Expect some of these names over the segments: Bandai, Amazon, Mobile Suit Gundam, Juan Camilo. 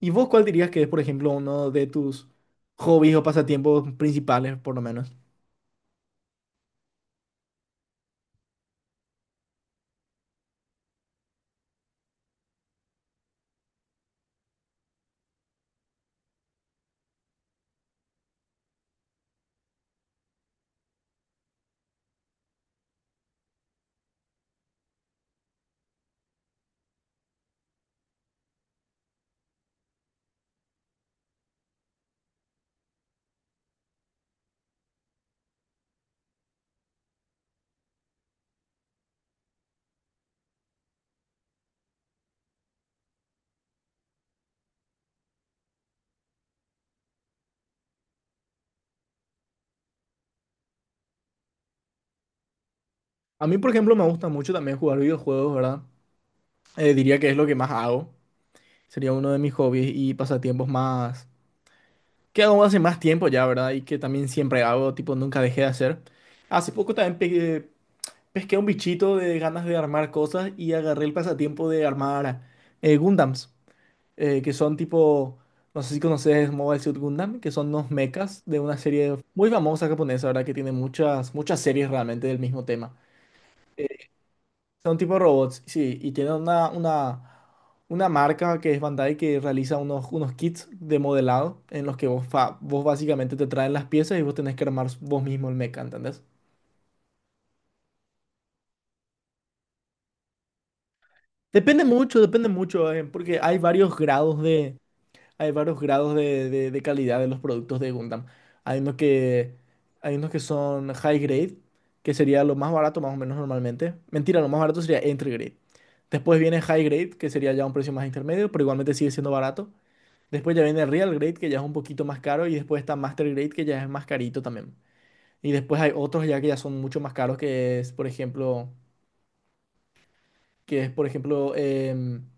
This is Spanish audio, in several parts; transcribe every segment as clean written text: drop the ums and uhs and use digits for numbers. ¿Y vos cuál dirías que es, por ejemplo, uno de tus hobbies o pasatiempos principales, por lo menos? A mí, por ejemplo, me gusta mucho también jugar videojuegos, ¿verdad? Diría que es lo que más hago. Sería uno de mis hobbies y pasatiempos más que hago hace más tiempo ya, ¿verdad? Y que también siempre hago, tipo, nunca dejé de hacer. Hace poco también pesqué un bichito de ganas de armar cosas y agarré el pasatiempo de armar Gundams. Que son tipo, no sé si conoces Mobile Suit Gundam, que son unos mechas de una serie muy famosa japonesa, ¿verdad? Que tiene muchas, muchas series realmente del mismo tema. Son tipo robots, sí, y tienen una marca que es Bandai, que realiza unos, unos kits de modelado en los que vos, vos básicamente te traen las piezas y vos tenés que armar vos mismo el mecha, ¿entendés? Depende mucho, porque hay varios hay varios grados de calidad de los productos de Gundam. Hay unos que, hay unos que son high grade, que sería lo más barato más o menos normalmente. Mentira, lo más barato sería entry grade. Después viene high grade, que sería ya un precio más intermedio, pero igualmente sigue siendo barato. Después ya viene real grade, que ya es un poquito más caro. Y después está master grade, que ya es más carito también. Y después hay otros ya que ya son mucho más caros, que es, por ejemplo que es, por ejemplo, em,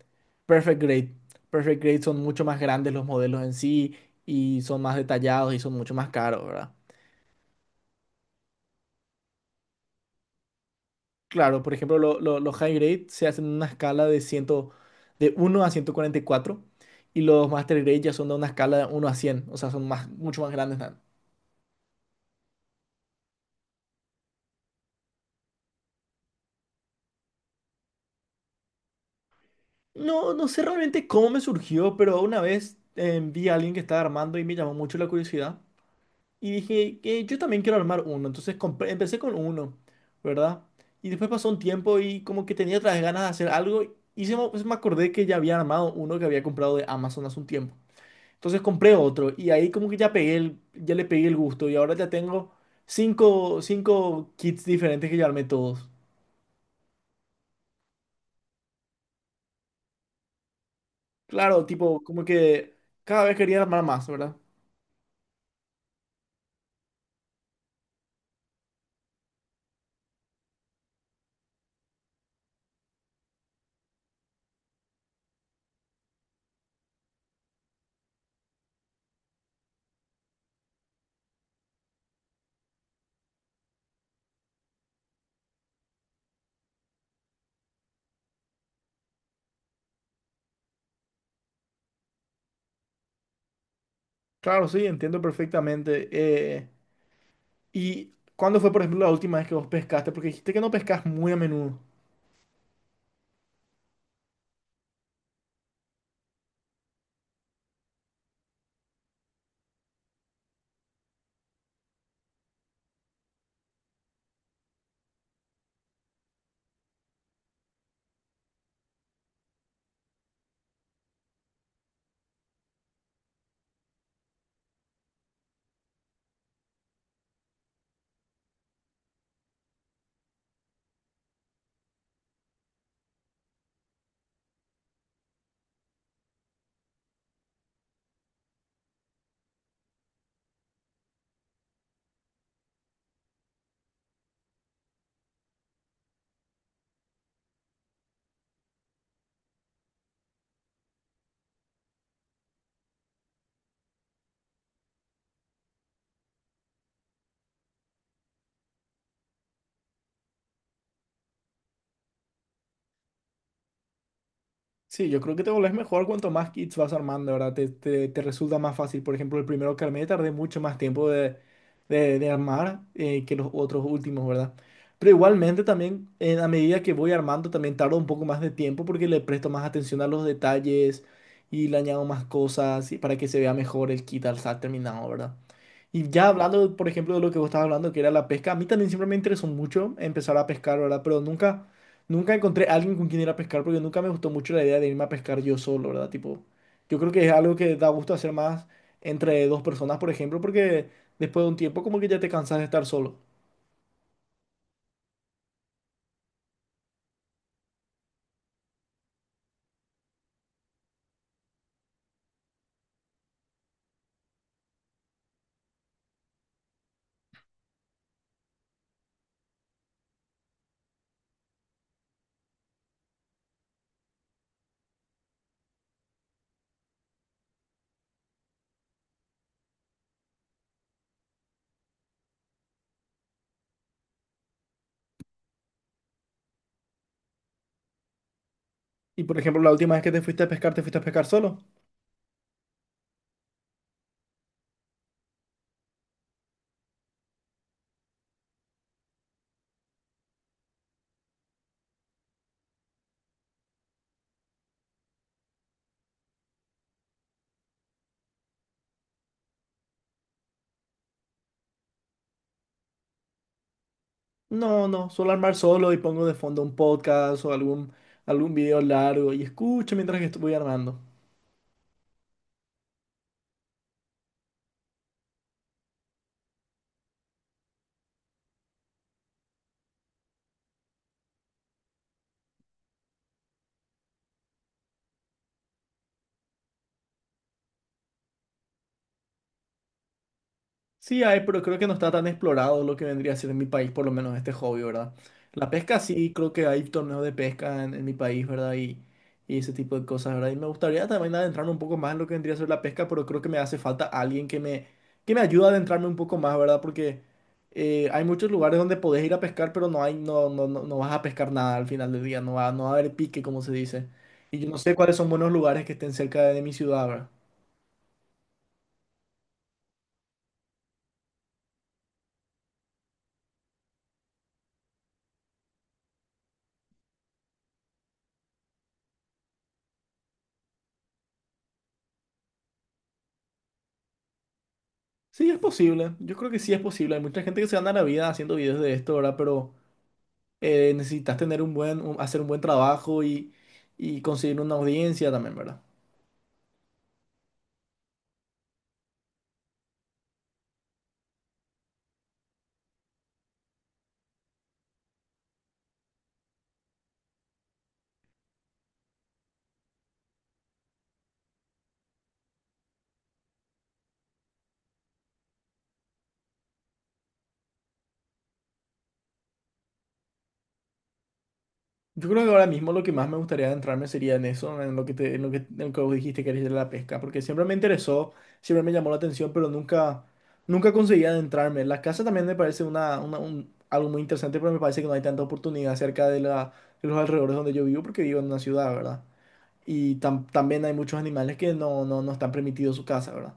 Perfect Grade. Perfect Grade son mucho más grandes los modelos en sí y son más detallados y son mucho más caros, ¿verdad? Claro, por ejemplo, los High Grade se hacen en una 100 de uno a ciento cuarenta y cuatro, y los Master Grade ya son de una escala de uno a cien. O sea, son más, mucho más grandes, ¿no? No, no sé realmente cómo me surgió, pero una vez vi a alguien que estaba armando y me llamó mucho la curiosidad. Y dije que yo también quiero armar uno. Entonces empecé con uno, ¿verdad? Y después pasó un tiempo y como que tenía otras ganas de hacer algo, y se me, pues me acordé que ya había armado uno que había comprado de Amazon hace un tiempo. Entonces compré otro y ahí como que ya pegué el, ya le pegué el gusto, y ahora ya tengo cinco kits diferentes que ya armé todos. Claro, tipo, como que cada vez quería armar más, ¿verdad? Claro, sí, entiendo perfectamente. ¿Y cuándo fue, por ejemplo, la última vez que vos pescaste? Porque dijiste que no pescas muy a menudo. Sí, yo creo que te volvés mejor cuanto más kits vas armando, ¿verdad? Te resulta más fácil. Por ejemplo, el primero que armé tardé mucho más tiempo de armar, que los otros últimos, ¿verdad? Pero igualmente también, a medida que voy armando, también tardo un poco más de tiempo porque le presto más atención a los detalles y le añado más cosas, y para que se vea mejor el kit al estar terminado, ¿verdad? Y ya hablando, por ejemplo, de lo que vos estabas hablando, que era la pesca, a mí también siempre me interesó mucho empezar a pescar, ¿verdad? Pero nunca encontré a alguien con quien ir a pescar, porque nunca me gustó mucho la idea de irme a pescar yo solo, ¿verdad? Tipo, yo creo que es algo que da gusto hacer más entre dos personas, por ejemplo, porque después de un tiempo como que ya te cansas de estar solo. Y por ejemplo, la última vez que te fuiste a pescar, ¿te fuiste a pescar solo? No, no, suelo armar solo y pongo de fondo un podcast o algún video largo, y escucho mientras que estoy armando. Sí hay, pero creo que no está tan explorado lo que vendría a ser en mi país, por lo menos este hobby, ¿verdad? La pesca sí, creo que hay torneos de pesca en mi país, ¿verdad? Y ese tipo de cosas, ¿verdad? Y me gustaría también adentrarme un poco más en lo que vendría a ser la pesca, pero creo que me hace falta alguien que me ayude a adentrarme un poco más, ¿verdad? Porque hay muchos lugares donde podés ir a pescar, pero no, no, no, no vas a pescar nada al final del día, no va, no va a haber pique, como se dice. Y yo no sé cuáles son buenos lugares que estén cerca de mi ciudad, ¿verdad? Sí, es posible. Yo creo que sí es posible. Hay mucha gente que se gana la vida haciendo videos de esto, ¿verdad? Pero necesitas tener hacer un buen trabajo, y conseguir una audiencia también, ¿verdad? Yo creo que ahora mismo lo que más me gustaría adentrarme sería en eso, en lo que vos dijiste que eres de la pesca, porque siempre me interesó, siempre me llamó la atención, pero nunca conseguí adentrarme. La casa también me parece algo muy interesante, pero me parece que no hay tanta oportunidad cerca de los alrededores donde yo vivo, porque vivo en una ciudad, ¿verdad? Y también hay muchos animales que no están permitidos su casa, ¿verdad?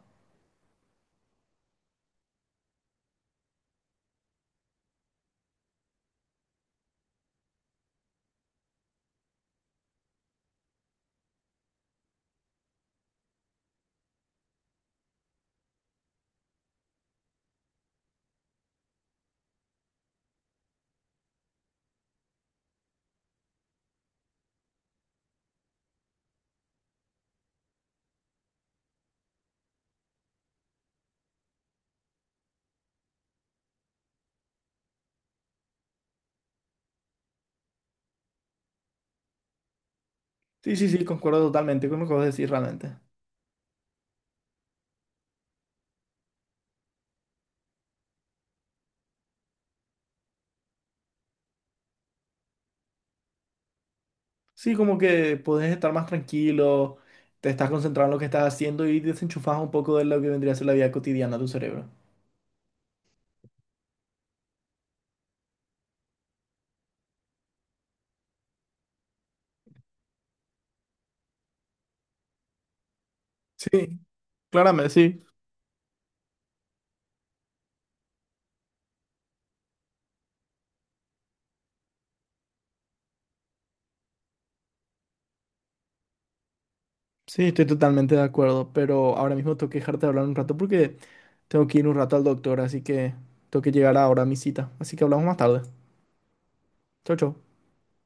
Sí, sí, sí, concuerdo totalmente con lo que vos decís realmente. Sí, como que podés estar más tranquilo, te estás concentrado en lo que estás haciendo y desenchufás un poco de lo que vendría a ser la vida cotidiana de tu cerebro. Sí, claramente, sí. Sí, estoy totalmente de acuerdo, pero ahora mismo tengo que dejarte de hablar un rato porque tengo que ir un rato al doctor, así que tengo que llegar ahora a mi cita. Así que hablamos más tarde. Chau, chau.